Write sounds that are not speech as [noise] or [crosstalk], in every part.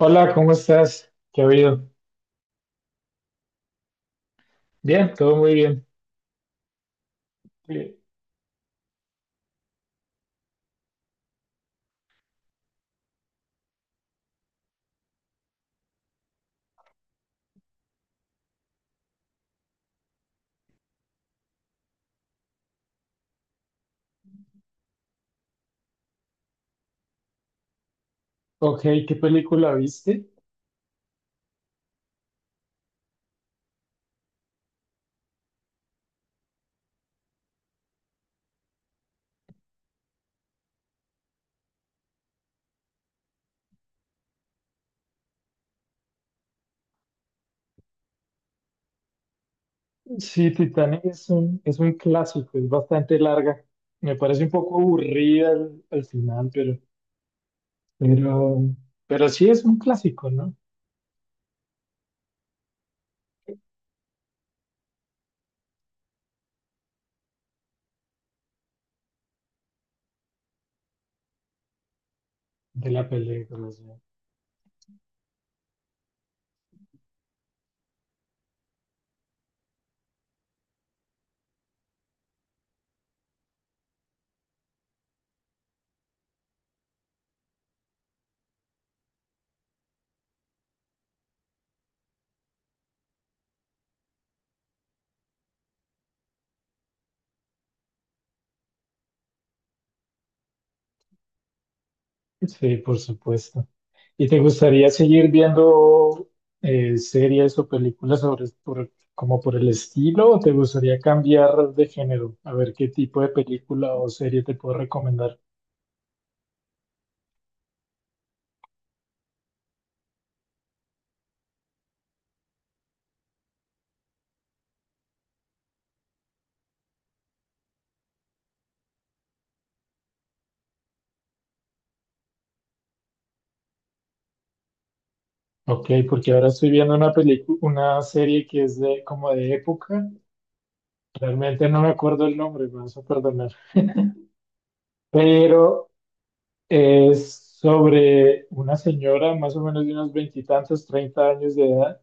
Hola, ¿cómo estás? ¿Qué ha habido? Bien, todo muy bien. Eh, Ok, ¿qué película viste? Sí, Titanic es es un clásico, es bastante larga. Me parece un poco aburrida al final, pero, pero sí es un clásico, ¿no? De la película. Sí, sí, por supuesto. ¿Y te gustaría seguir viendo series o películas sobre, como por el estilo o te gustaría cambiar de género? A ver qué tipo de película o serie te puedo recomendar. Ok, porque ahora estoy viendo una película, una serie que es de como de época. Realmente no me acuerdo el nombre, me vas a perdonar. Pero es sobre una señora más o menos de unos veintitantos, treinta años de edad,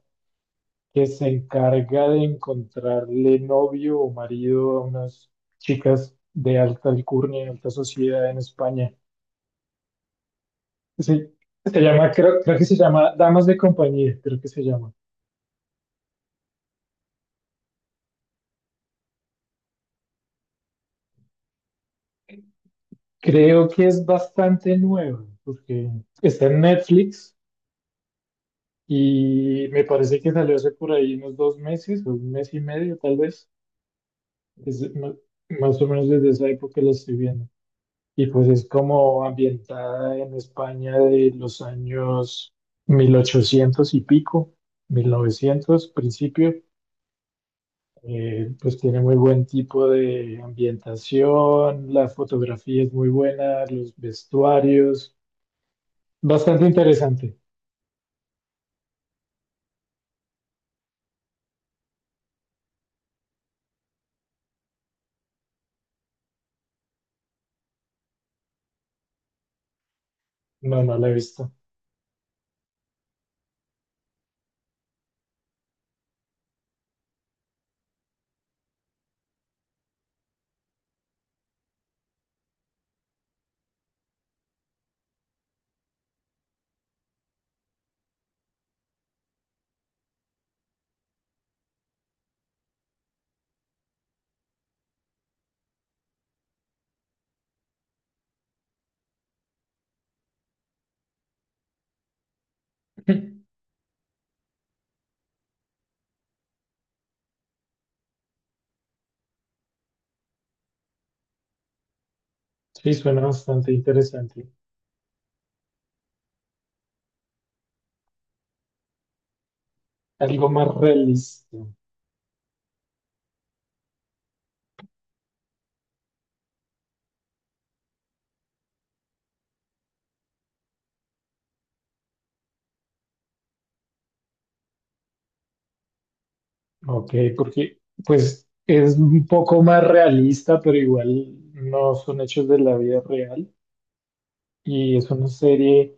que se encarga de encontrarle novio o marido a unas chicas de alta alcurnia, alta sociedad en España. Sí, se llama, creo, creo que se llama Damas de Compañía, creo que se llama. Creo que es bastante nueva, porque está en Netflix y me parece que salió hace por ahí unos dos meses, o un mes y medio tal vez. Es ma- Más o menos desde esa época la estoy viendo. Y pues es como ambientada en España de los años 1800 y pico, 1900, principio. Pues tiene muy buen tipo de ambientación, la fotografía es muy buena, los vestuarios. Bastante interesante. No, no la he visto. [laughs] Sí, suena bastante interesante. Algo más realista. Ok, porque pues es un poco más realista, pero igual no son hechos de la vida real. Y es una serie...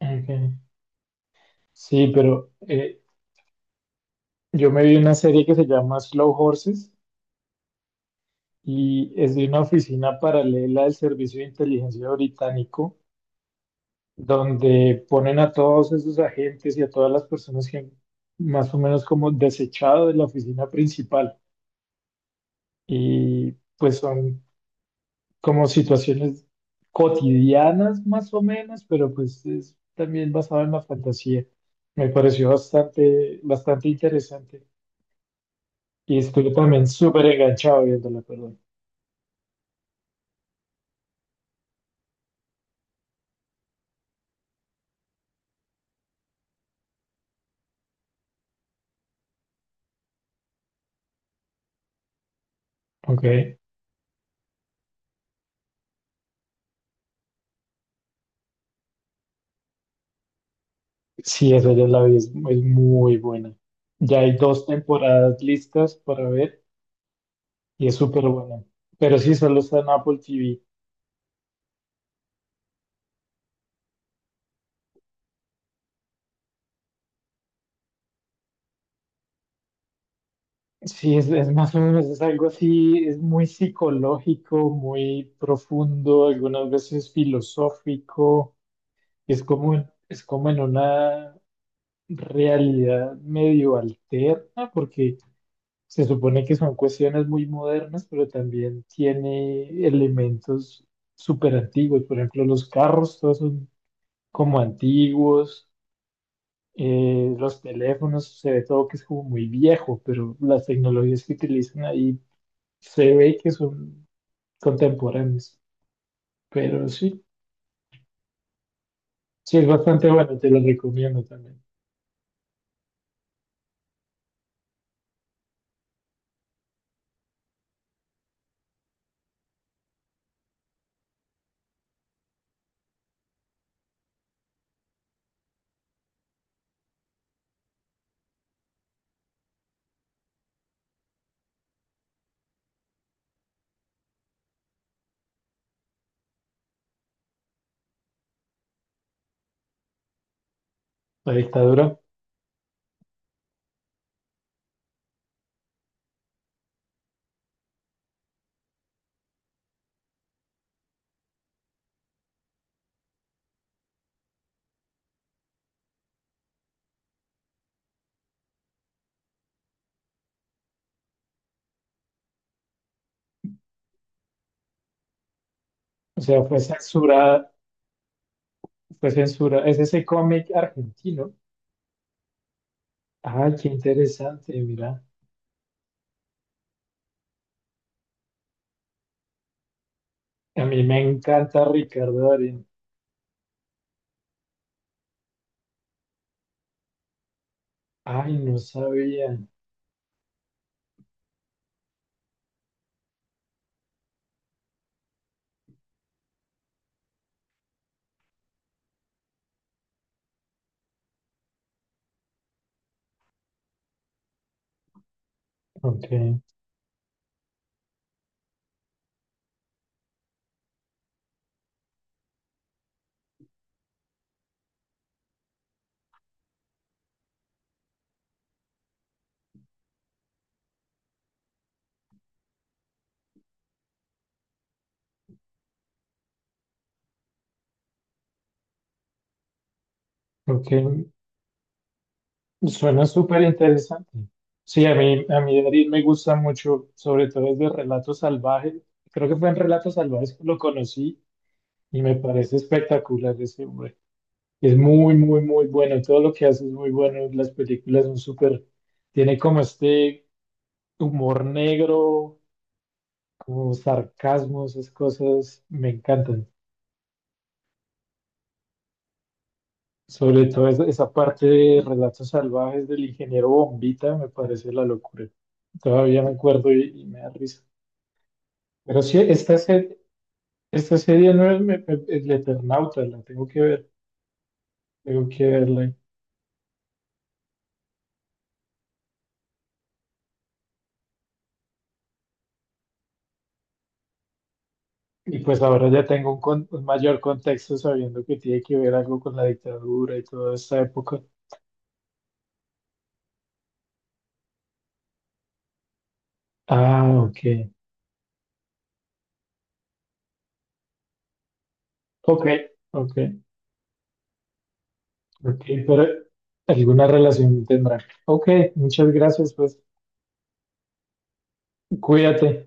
ok. Sí, pero yo me vi una serie que se llama Slow Horses y es de una oficina paralela del Servicio de Inteligencia Británico, donde ponen a todos esos agentes y a todas las personas que han más o menos como desechado de la oficina principal. Y pues son como situaciones cotidianas más o menos, pero pues es también basado en la fantasía. Me pareció bastante, bastante interesante y estuve también súper enganchado viéndola, perdón. Ok, sí, esa ya la vi, es muy buena. Ya hay dos temporadas listas para ver y es súper buena. Pero sí, solo está en Apple TV. Sí, es más o menos, es algo así, es muy psicológico, muy profundo, algunas veces filosófico. Es como, es como en una realidad medio alterna, porque se supone que son cuestiones muy modernas, pero también tiene elementos súper antiguos. Por ejemplo, los carros, todos son como antiguos. Los teléfonos, se ve todo que es como muy viejo, pero las tecnologías que utilizan ahí se ve que son contemporáneas. Pero sí, sí es bastante bueno, te lo recomiendo también. La dictadura, o sea, fue censurada, fue censura, es ese cómic argentino. Ay, qué interesante, mira. A mí me encanta Ricardo Darín. Ay, no sabía. Ok, ok. Suena súper interesante. Sí, a mí Darín me gusta mucho, sobre todo desde Relatos Salvajes. Creo que fue en Relatos Salvajes que lo conocí y me parece espectacular ese hombre. Es muy, muy, muy bueno. Todo lo que hace es muy bueno. Las películas son súper... Tiene como este humor negro, como sarcasmo, esas cosas me encantan. Sobre todo esa, esa parte de Relatos Salvajes del ingeniero Bombita me parece la locura. Todavía me acuerdo y me da risa. Pero sí, esta serie no es el Eternauta, la tengo que ver, tengo que verla. Y pues ahora ya tengo un mayor contexto sabiendo que tiene que ver algo con la dictadura y toda esta época. Ah, ok, ok, ok, ok, pero alguna relación tendrá. Ok, muchas gracias, pues cuídate.